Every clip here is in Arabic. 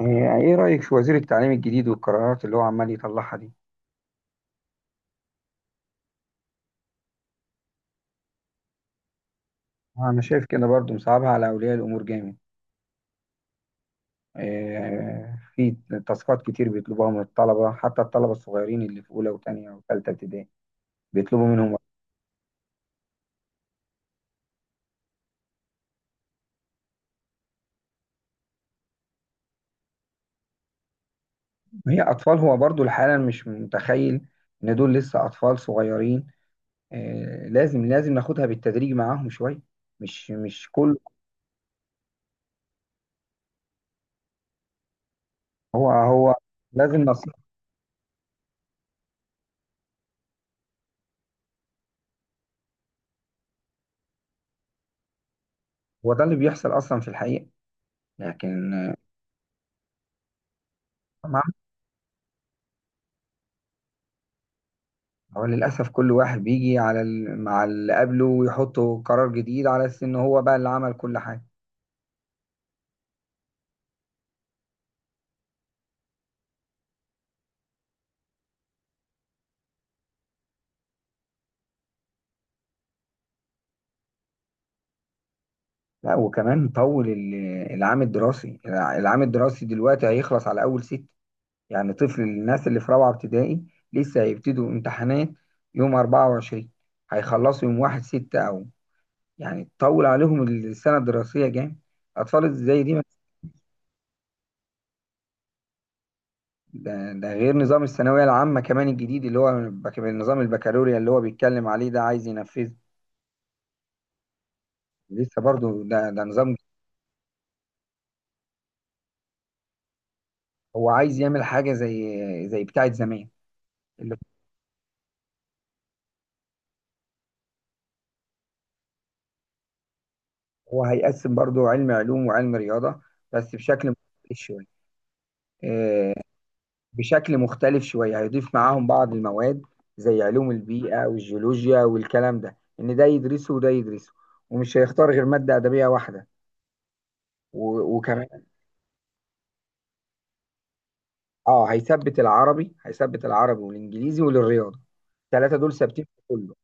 يعني ايه رأيك في وزير التعليم الجديد والقرارات اللي هو عمال يطلعها دي؟ انا شايف كده برضو مصعبها على اولياء الامور جامد. في تاسكات كتير بيطلبوها من الطلبة، حتى الطلبة الصغيرين اللي في اولى وتانية وتالتة ابتدائي بيطلبوا منهم. هي اطفال، هو برضو الحالة مش متخيل ان دول لسه اطفال صغيرين. لازم ناخدها بالتدريج معاهم شوية. مش كل هو هو لازم نصيحة. هو ده اللي بيحصل اصلا في الحقيقة، لكن هو للأسف كل واحد بيجي على مع اللي قبله ويحطه قرار جديد على أساس إن هو بقى اللي عمل كل حاجة. لا، وكمان طول العام الدراسي، العام الدراسي دلوقتي هيخلص على أول ست، يعني طفل الناس اللي في رابعة ابتدائي لسه هيبتدوا امتحانات يوم 24، هيخلصوا يوم واحد ستة أو، يعني تطول عليهم السنة الدراسية جامد. أطفال زي دي ده غير نظام الثانوية العامة كمان الجديد اللي هو النظام البكالوريا اللي هو بيتكلم عليه ده، عايز ينفذه. لسه برضو ده نظام جديد. هو عايز يعمل حاجة زي زي بتاعة زمان، اللي هو هيقسم برضو علم علوم وعلم رياضة بس بشكل مختلف شوية. آه، بشكل مختلف شوية، هيضيف معاهم بعض المواد زي علوم البيئة والجيولوجيا والكلام ده، إن ده يدرسه وده يدرسه. ومش هيختار غير مادة أدبية واحدة، وكمان اه هيثبت العربي، هيثبت العربي والإنجليزي والرياضة، الثلاثة دول ثابتين في كله.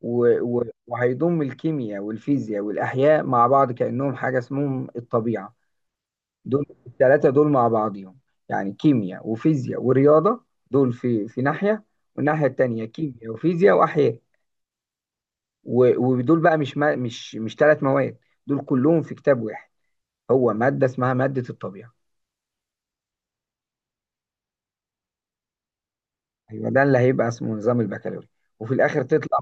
وهيضم الكيمياء والفيزياء والأحياء مع بعض كأنهم حاجة اسمهم الطبيعة. دول الثلاثة دول مع بعضهم، يعني كيمياء وفيزياء ورياضة، دول في ناحية، والناحية التانية كيمياء وفيزياء وأحياء. ودول بقى مش ما مش مش ثلاث مواد، دول كلهم في كتاب واحد، هو مادة اسمها مادة الطبيعة. أيوة ده اللي هيبقى اسمه نظام البكالوريوس. وفي الآخر تطلع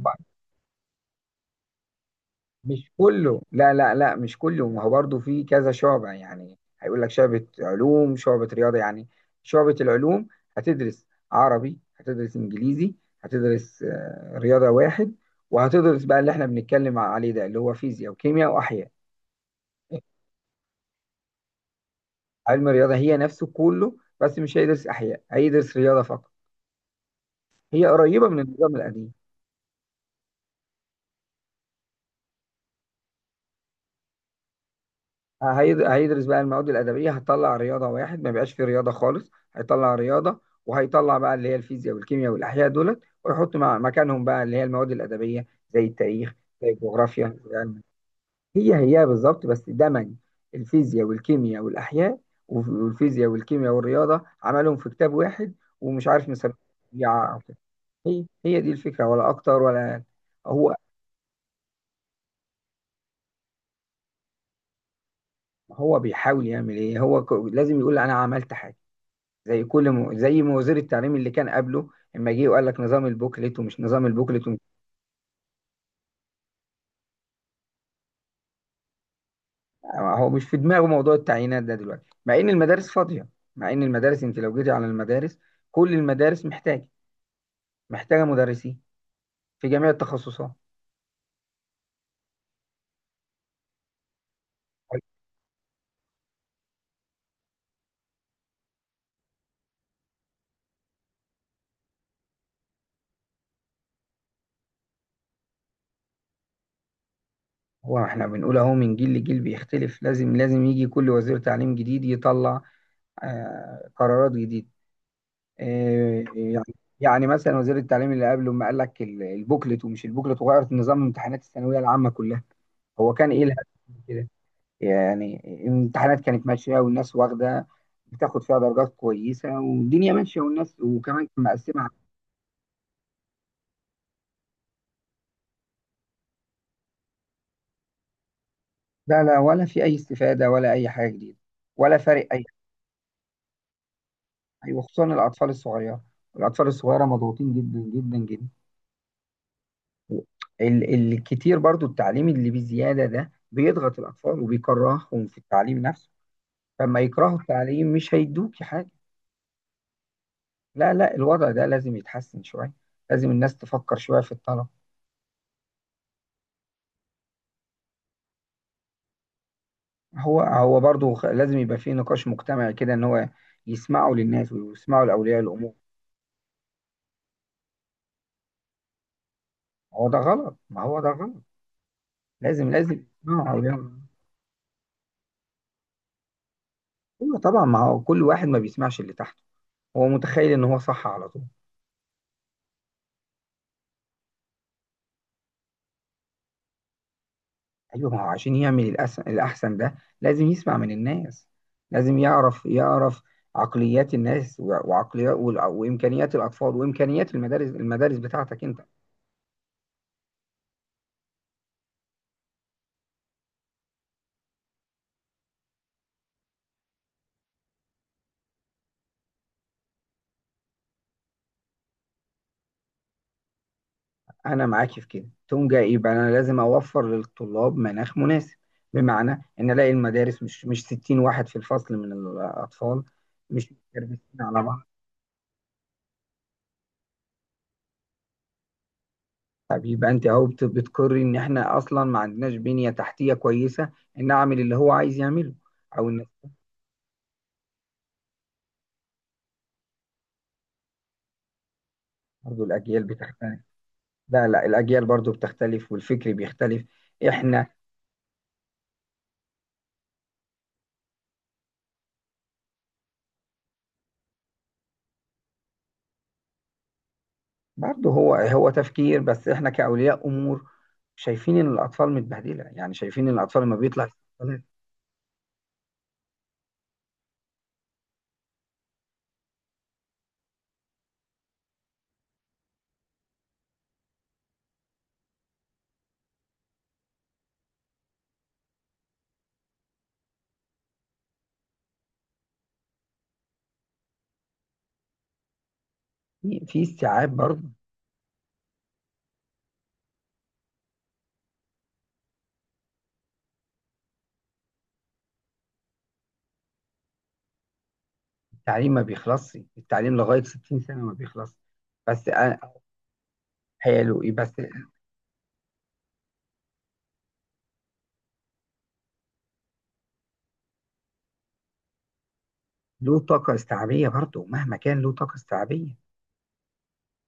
مش كله، لا، مش كله، ما هو برضه في كذا شعبة، يعني هيقول لك شعبة علوم شعبة رياضة. يعني شعبة العلوم هتدرس عربي، هتدرس إنجليزي، هتدرس رياضة واحد، وهتدرس بقى اللي احنا بنتكلم عليه ده، اللي هو فيزياء وكيمياء وأحياء. علم الرياضة هي نفسه كله، بس مش هيدرس أحياء، هيدرس رياضة فقط. هي قريبة من النظام القديم. هيدرس بقى المواد الادبيه، هتطلع رياضه واحد، ما بيبقاش فيه رياضه خالص، هيطلع رياضه، وهيطلع بقى اللي هي الفيزياء والكيمياء والاحياء دولت، ويحط مع مكانهم بقى اللي هي المواد الادبيه زي التاريخ، زي الجغرافيا، زي علم. هي بالظبط، بس دمج الفيزياء والكيمياء والاحياء، والفيزياء والكيمياء والرياضه عملهم في كتاب واحد، ومش عارف مسميه، أو كده. هي دي الفكره، ولا اكتر ولا أقل. هو هو بيحاول يعمل ايه، هو لازم يقول انا عملت حاجه زي زي ما وزير التعليم اللي كان قبله لما جه وقال لك نظام البوكلت ومش نظام البوكلت هو مش في دماغه موضوع التعيينات ده دلوقتي، مع ان المدارس فاضيه، مع ان المدارس، انت لو جيتي على المدارس، كل المدارس محتاجه، محتاجه مدرسين في جميع التخصصات. هو احنا بنقول اهو من جيل لجيل بيختلف، لازم يجي كل وزير تعليم جديد يطلع آه قرارات جديدة، آه يعني، يعني مثلا وزير التعليم اللي قبله ما قال لك البوكلت ومش البوكلت، وغيرت نظام امتحانات الثانوية العامة كلها، هو كان ايه الهدف من كده؟ يعني الامتحانات كانت ماشيه والناس واخده، بتاخد فيها درجات كويسه، والدنيا ماشيه والناس، وكمان كان مقسمها لا، لا، ولا في اي استفاده ولا اي حاجه جديده، ولا فارق اي حاجه، وخصوصا الاطفال الصغيره، الاطفال الصغيره مضغوطين جدا جدا جدا. الكتير برضو التعليم اللي بزياده ده بيضغط الاطفال وبيكرههم في التعليم نفسه، فلما يكرهوا التعليم مش هيدوكي حاجه. لا، لا، الوضع ده لازم يتحسن شويه، لازم الناس تفكر شويه في الطلبه. هو برضه لازم يبقى فيه نقاش مجتمعي كده، ان هو يسمعوا للناس ويسمعوا لاولياء الامور. هو ده غلط، ما هو ده غلط، لازم يسمعوا اولياء الامور. ايوه طبعا، ما هو كل واحد ما بيسمعش اللي تحته، هو متخيل ان هو صح على طول. ايوه، ما هو عشان يعمل الاحسن ده لازم يسمع من الناس، لازم يعرف عقليات الناس، وعقليات وامكانيات الاطفال، وامكانيات المدارس، المدارس بتاعتك انت. أنا معاك في كده، تقوم جاي إيه بقى، أنا لازم أوفر للطلاب مناخ مناسب، بمعنى إن ألاقي المدارس مش 60 واحد في الفصل من الأطفال، مش متكربسين على بعض. طب يبقى أنت أهو بتقري إن إحنا أصلا ما عندناش بنية تحتية كويسة، إن أعمل اللي هو عايز يعمله، أو إن برضه الأجيال بتختلف. لا، لا، الأجيال برضه بتختلف، والفكر بيختلف. إحنا برضه هو تفكير، بس إحنا كأولياء أمور شايفين إن الأطفال متبهدلة، يعني شايفين إن الأطفال لما بيطلع في استيعاب برضه. التعليم ما بيخلصش، التعليم لغاية 60 سنة ما بيخلص، بس أنا- حلو إيه بس. له طاقة استيعابية برضه، مهما كان له طاقة استيعابية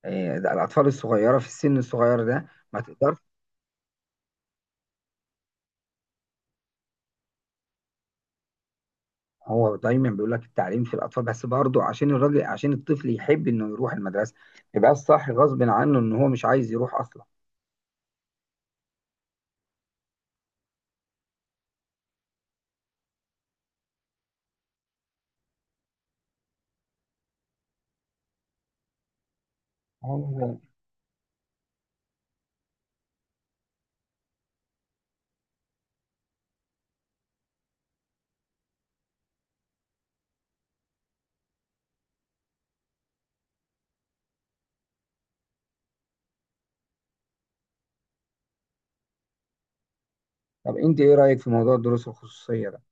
إيه ده، الأطفال الصغيرة في السن الصغير ده ما تقدرش. هو دايما بيقول لك التعليم في الأطفال، بس برضه عشان الراجل، عشان الطفل يحب إنه يروح المدرسة، يبقى الصح غصب عنه إن هو مش عايز يروح أصلا. هو- طب أنت إيه رأيك في موضوع الدروس الخصوصية ده؟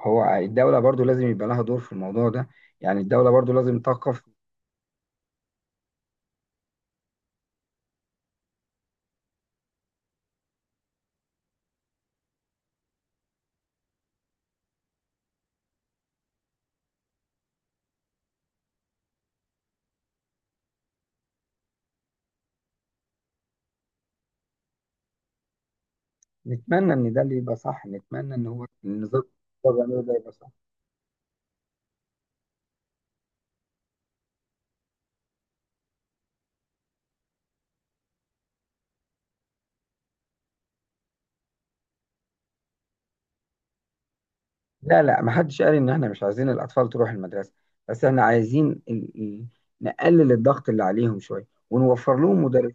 هو الدولة برضه لازم يبقى لها دور في الموضوع ده، يعني الدولة برضو لازم تقف. نتمنى ان ده اللي يبقى صح، نتمنى ان هو النظام اللي هو بيعمله ده يبقى صح. لا، لا، ما حدش قال ان احنا مش عايزين الاطفال تروح المدرسه، بس احنا عايزين نقلل الضغط اللي عليهم شويه، ونوفر لهم مدرس.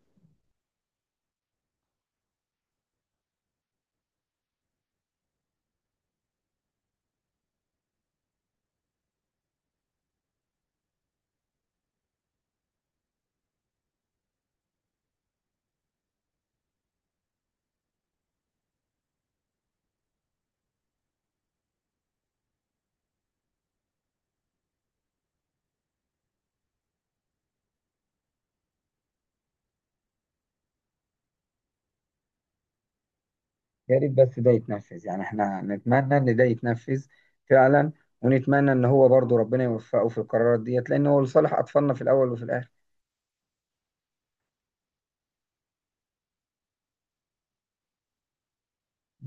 يا ريت بس ده يتنفذ، يعني احنا نتمنى ان ده يتنفذ فعلا، ونتمنى ان هو برضو ربنا يوفقه في القرارات ديت، لان هو لصالح اطفالنا في الاول وفي الاخر.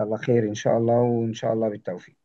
الله خير، ان شاء الله، وان شاء الله بالتوفيق.